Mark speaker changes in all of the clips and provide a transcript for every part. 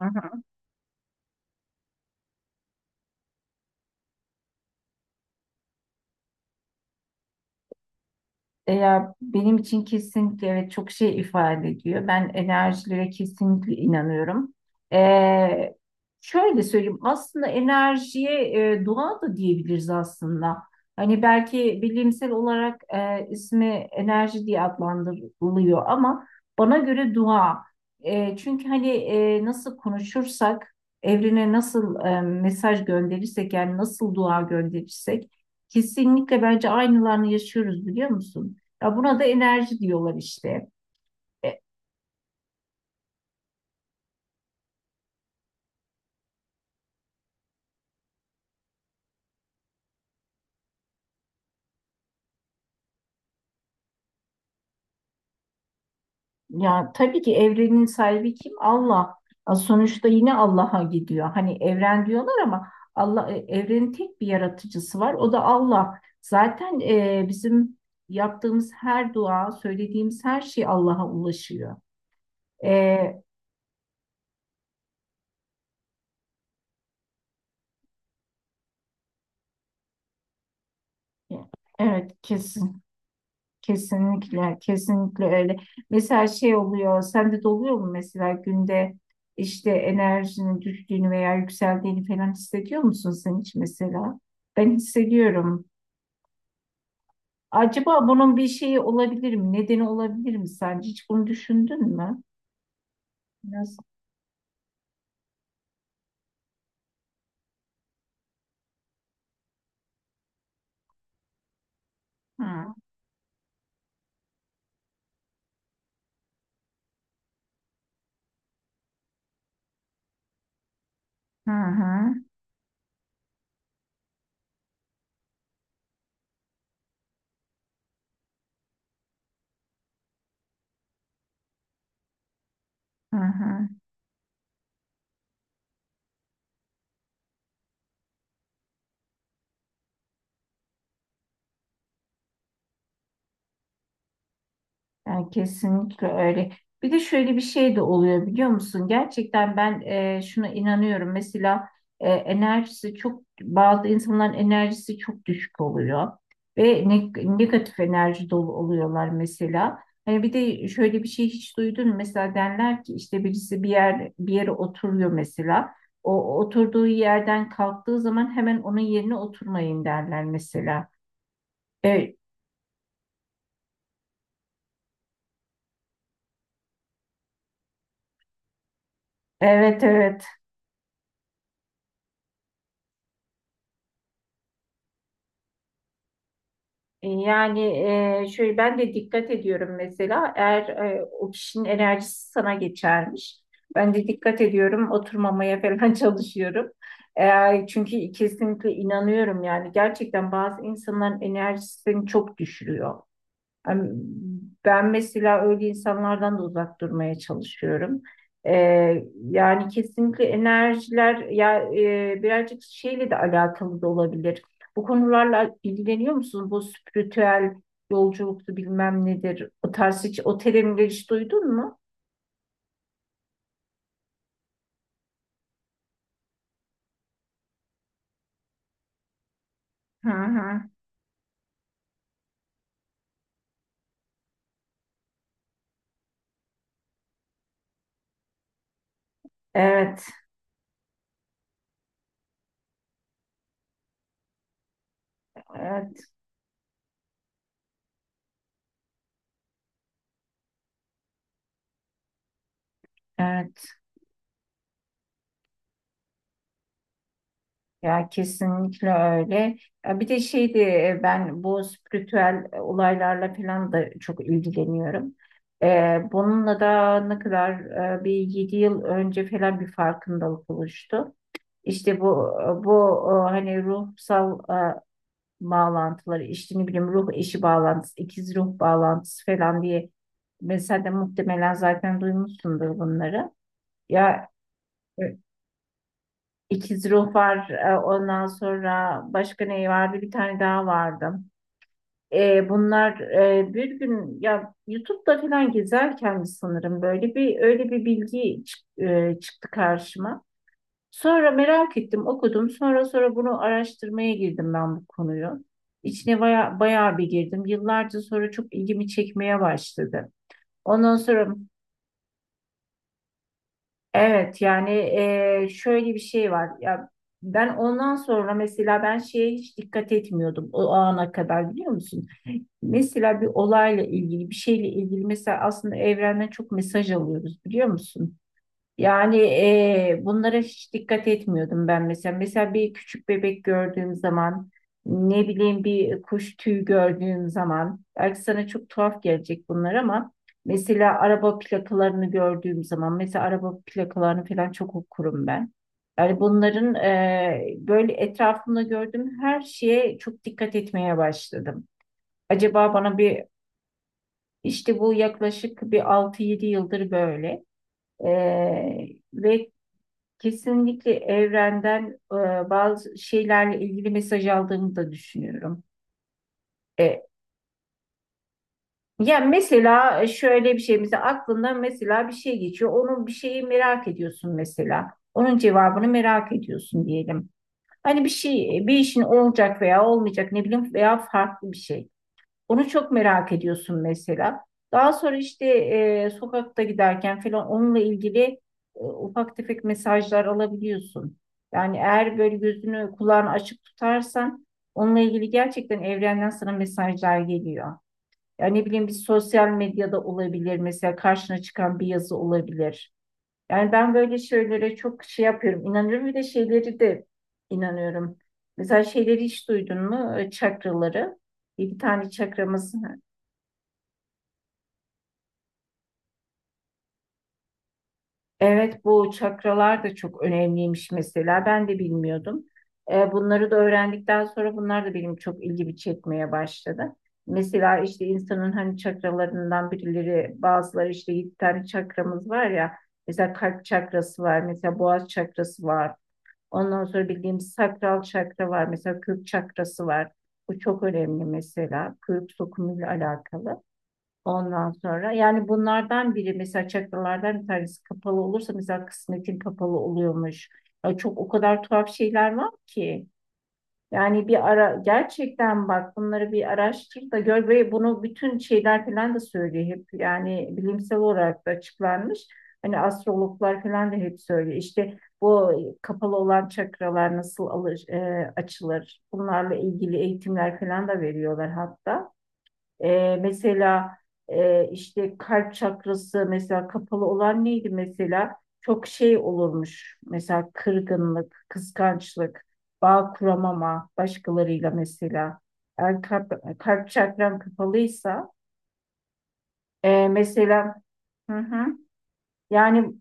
Speaker 1: Hı hı. Ya benim için kesinlikle evet çok şey ifade ediyor. Ben enerjilere kesinlikle inanıyorum. Ee, Şöyle söyleyeyim, aslında enerjiye doğa da diyebiliriz aslında. Hani belki bilimsel olarak ismi enerji diye adlandırılıyor ama bana göre dua. Çünkü hani nasıl konuşursak, evrene nasıl mesaj gönderirsek, yani nasıl dua gönderirsek kesinlikle bence aynılarını yaşıyoruz, biliyor musun? Ya buna da enerji diyorlar işte. E, Ya tabii ki evrenin sahibi kim? Allah. Ya sonuçta yine Allah'a gidiyor. Hani evren diyorlar ama Allah evrenin tek bir yaratıcısı var. O da Allah. Zaten bizim yaptığımız her dua, söylediğimiz her şey Allah'a ulaşıyor. E, evet, kesin. Kesinlikle, kesinlikle öyle. Mesela şey oluyor, sende de oluyor mu mesela, günde işte enerjinin düştüğünü veya yükseldiğini falan hissediyor musun sen hiç mesela? Ben hissediyorum. Acaba bunun bir şeyi olabilir mi? Nedeni olabilir mi sence? Hiç bunu düşündün mü? Nasıl. Hı hı, hı hı. Hı hı. Yani kesinlikle öyle. Bir de şöyle bir şey de oluyor, biliyor musun? Gerçekten ben şuna inanıyorum. Mesela enerjisi çok, bazı insanların enerjisi çok düşük oluyor ve negatif enerji dolu oluyorlar mesela. Hani bir de şöyle bir şey, hiç duydun mu? Mesela derler ki işte, birisi bir yer bir yere oturuyor mesela. O oturduğu yerden kalktığı zaman hemen onun yerine oturmayın derler mesela. E, Evet, evet. Yani şöyle, ben de dikkat ediyorum mesela, eğer o kişinin enerjisi sana geçermiş. Ben de dikkat ediyorum, oturmamaya falan çalışıyorum. Çünkü kesinlikle inanıyorum, yani gerçekten bazı insanların enerjisini çok düşürüyor. Yani ben mesela öyle insanlardan da uzak durmaya çalışıyorum. Yani kesinlikle enerjiler ya birazcık şeyle de alakalı da olabilir. Bu konularla ilgileniyor musunuz? Bu spiritüel yolculuktu bilmem nedir. O tarz, hiç o terimleri hiç duydun mu? Hı hı. Evet, evet, evet. Ya kesinlikle öyle. Ya bir de şeydi, ben bu spiritüel olaylarla falan da çok ilgileniyorum. Bununla da ne kadar, bir 7 yıl önce falan bir farkındalık oluştu. İşte bu, hani ruhsal e, bağlantıları işte, ne bileyim, ruh eşi bağlantısı, ikiz ruh bağlantısı falan diye, mesela de muhtemelen zaten duymuşsundur bunları. Ya e, İkiz ruh var. Ondan sonra başka ne vardı? Bir tane daha vardı. Bunlar bir gün ya YouTube'da falan gezerken sanırım böyle bir, öyle bir bilgi çıktı karşıma. Sonra merak ettim, okudum. Sonra bunu araştırmaya girdim, ben bu konuyu. İçine bayağı bir girdim. Yıllarca sonra çok ilgimi çekmeye başladı. Ondan sonra, evet yani, şöyle bir şey var ya, ben ondan sonra mesela, ben şeye hiç dikkat etmiyordum o ana kadar, biliyor musun? Mesela bir olayla ilgili, bir şeyle ilgili mesela, aslında evrenden çok mesaj alıyoruz, biliyor musun? Yani bunlara hiç dikkat etmiyordum ben mesela. Mesela bir küçük bebek gördüğüm zaman, ne bileyim bir kuş tüyü gördüğüm zaman, belki sana çok tuhaf gelecek bunlar ama, mesela araba plakalarını gördüğüm zaman, mesela araba plakalarını falan çok okurum ben. Yani bunların böyle, etrafımda gördüğüm her şeye çok dikkat etmeye başladım. Acaba bana bir, işte bu yaklaşık bir 6-7 yıldır böyle. Eee ve kesinlikle evrenden bazı şeylerle ilgili mesaj aldığımı da düşünüyorum. E, Yani mesela şöyle bir şey, mesela aklından mesela bir şey geçiyor. Onun bir şeyi merak ediyorsun mesela. Onun cevabını merak ediyorsun, diyelim. Hani bir şey, bir işin olacak veya olmayacak, ne bileyim, veya farklı bir şey. Onu çok merak ediyorsun mesela. Daha sonra işte sokakta giderken falan onunla ilgili ufak tefek mesajlar alabiliyorsun. Yani eğer böyle gözünü kulağını açık tutarsan, onunla ilgili gerçekten evrenden sana mesajlar geliyor. Yani ne bileyim, bir sosyal medyada olabilir mesela, karşına çıkan bir yazı olabilir. Yani ben böyle şeylere çok şey yapıyorum, İnanıyorum bir de şeyleri de inanıyorum. Mesela şeyleri hiç duydun mu? Çakraları. Bir tane çakramız. Evet, bu çakralar da çok önemliymiş mesela. Ben de bilmiyordum. Bunları da öğrendikten sonra bunlar da benim çok ilgimi çekmeye başladı. Mesela işte insanın hani çakralarından birileri, bazıları, işte 7 tane çakramız var ya. Mesela kalp çakrası var, mesela boğaz çakrası var. Ondan sonra bildiğimiz sakral çakra var, mesela kök çakrası var. Bu çok önemli mesela, kök sokumuyla alakalı. Ondan sonra yani, bunlardan biri mesela, çakralardan bir tanesi kapalı olursa mesela kısmetin kapalı oluyormuş. Ya çok, o kadar tuhaf şeyler var ki. Yani bir ara gerçekten bak, bunları bir araştır da gör, ve bunu bütün şeyler falan da söylüyor hep. Yani bilimsel olarak da açıklanmış. Hani astrologlar falan da hep söylüyor. İşte bu kapalı olan çakralar nasıl alır, açılır? Bunlarla ilgili eğitimler falan da veriyorlar hatta. Mesela işte kalp çakrası mesela, kapalı olan neydi mesela? Çok şey olurmuş. Mesela kırgınlık, kıskançlık, bağ kuramama başkalarıyla mesela. Eğer kalp çakran kapalıysa mesela, hı hı, yani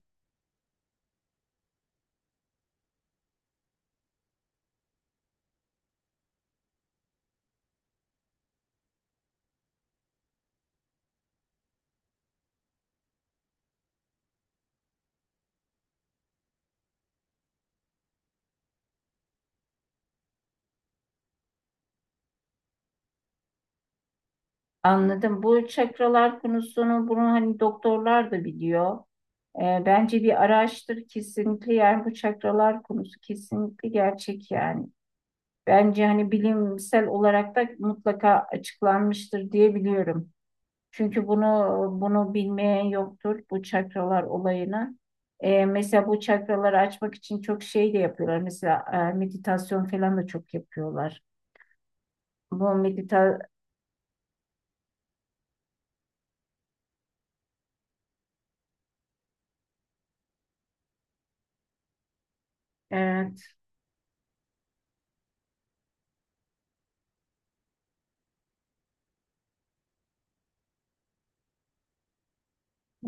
Speaker 1: anladım. Bu çakralar konusunu, bunu hani doktorlar da biliyor. Bence bir araştır kesinlikle, yani bu çakralar konusu kesinlikle gerçek yani. Bence hani bilimsel olarak da mutlaka açıklanmıştır diye biliyorum. Çünkü bunu bilmeyen yoktur bu çakralar olayını. Mesela bu çakraları açmak için çok şey de yapıyorlar. Mesela meditasyon falan da çok yapıyorlar. Bu medita Evet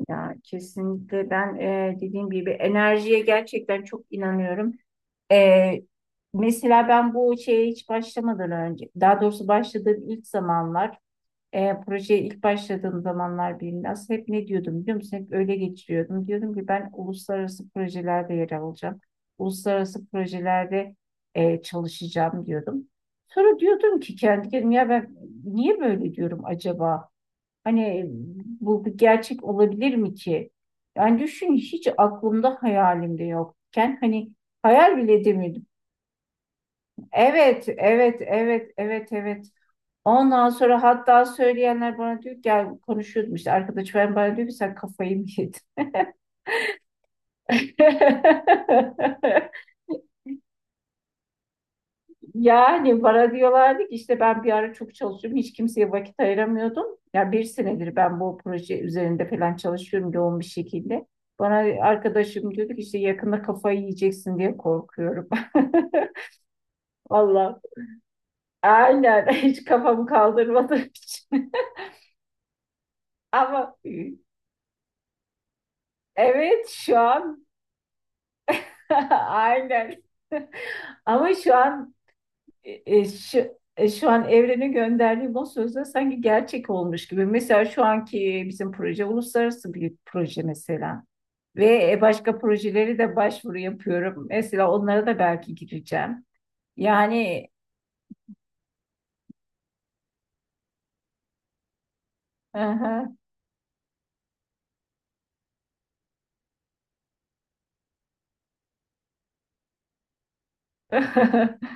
Speaker 1: ya, kesinlikle ben, dediğim gibi, enerjiye gerçekten çok inanıyorum. Ee, Mesela ben bu şeye hiç başlamadan önce, daha doğrusu başladığım ilk zamanlar, projeye ilk başladığım zamanlar birinde, aslında hep ne diyordum, biliyor musun? Hep öyle geçiriyordum. Diyordum ki ben uluslararası projelerde yer alacağım. Uluslararası projelerde çalışacağım diyordum. Sonra diyordum ki kendi kendime, ya ben niye böyle diyorum acaba? Hani bu bir gerçek olabilir mi ki? Yani düşün, hiç aklımda hayalimde yokken, hani hayal bile edemiyordum. Evet, evet, evet, evet, evet. Ondan sonra, hatta söyleyenler bana diyor ki, gel konuşuyordum işte arkadaşım ben, bana diyor ki sen kafayı mı yedin? Yani bana diyorlardı ki işte, ben bir ara çok çalışıyorum, hiç kimseye vakit ayıramıyordum. Ya bir senedir ben bu proje üzerinde falan çalışıyorum yoğun bir şekilde. Bana arkadaşım diyordu ki, işte yakında kafayı yiyeceksin diye korkuyorum. Vallahi aynen, hiç kafamı kaldırmadığım için. Ama, evet, şu an, aynen. Ama şu an e, e, şu, e, şu an evrenin gönderdiği bu sözler sanki gerçek olmuş gibi. Mesela şu anki bizim proje uluslararası bir proje mesela. Ve başka projeleri de başvuru yapıyorum. Mesela onlara da belki gireceğim. Yani, aha.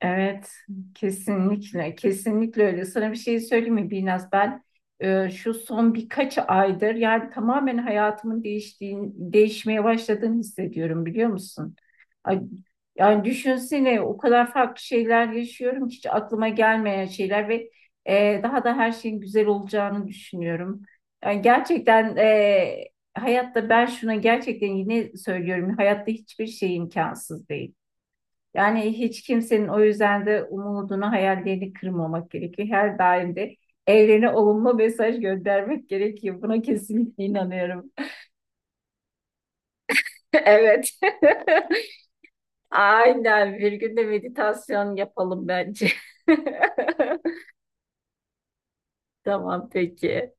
Speaker 1: Evet, kesinlikle, kesinlikle öyle. Sana bir şey söyleyeyim mi? Biraz ben, şu son birkaç aydır yani tamamen hayatımın değiştiğini, değişmeye başladığını hissediyorum, biliyor musun? Ay, yani düşünsene, o kadar farklı şeyler yaşıyorum ki, hiç aklıma gelmeyen şeyler, ve daha da her şeyin güzel olacağını düşünüyorum. Yani gerçekten, hayatta, ben şuna gerçekten yine söylüyorum, hayatta hiçbir şey imkansız değil. Yani hiç kimsenin, o yüzden de, umudunu, hayallerini kırmamak gerekiyor. Her daim de evrene olumlu mesaj göndermek gerekiyor. Buna kesinlikle inanıyorum. Evet. Aynen. Bir gün de meditasyon yapalım bence. Tamam, peki.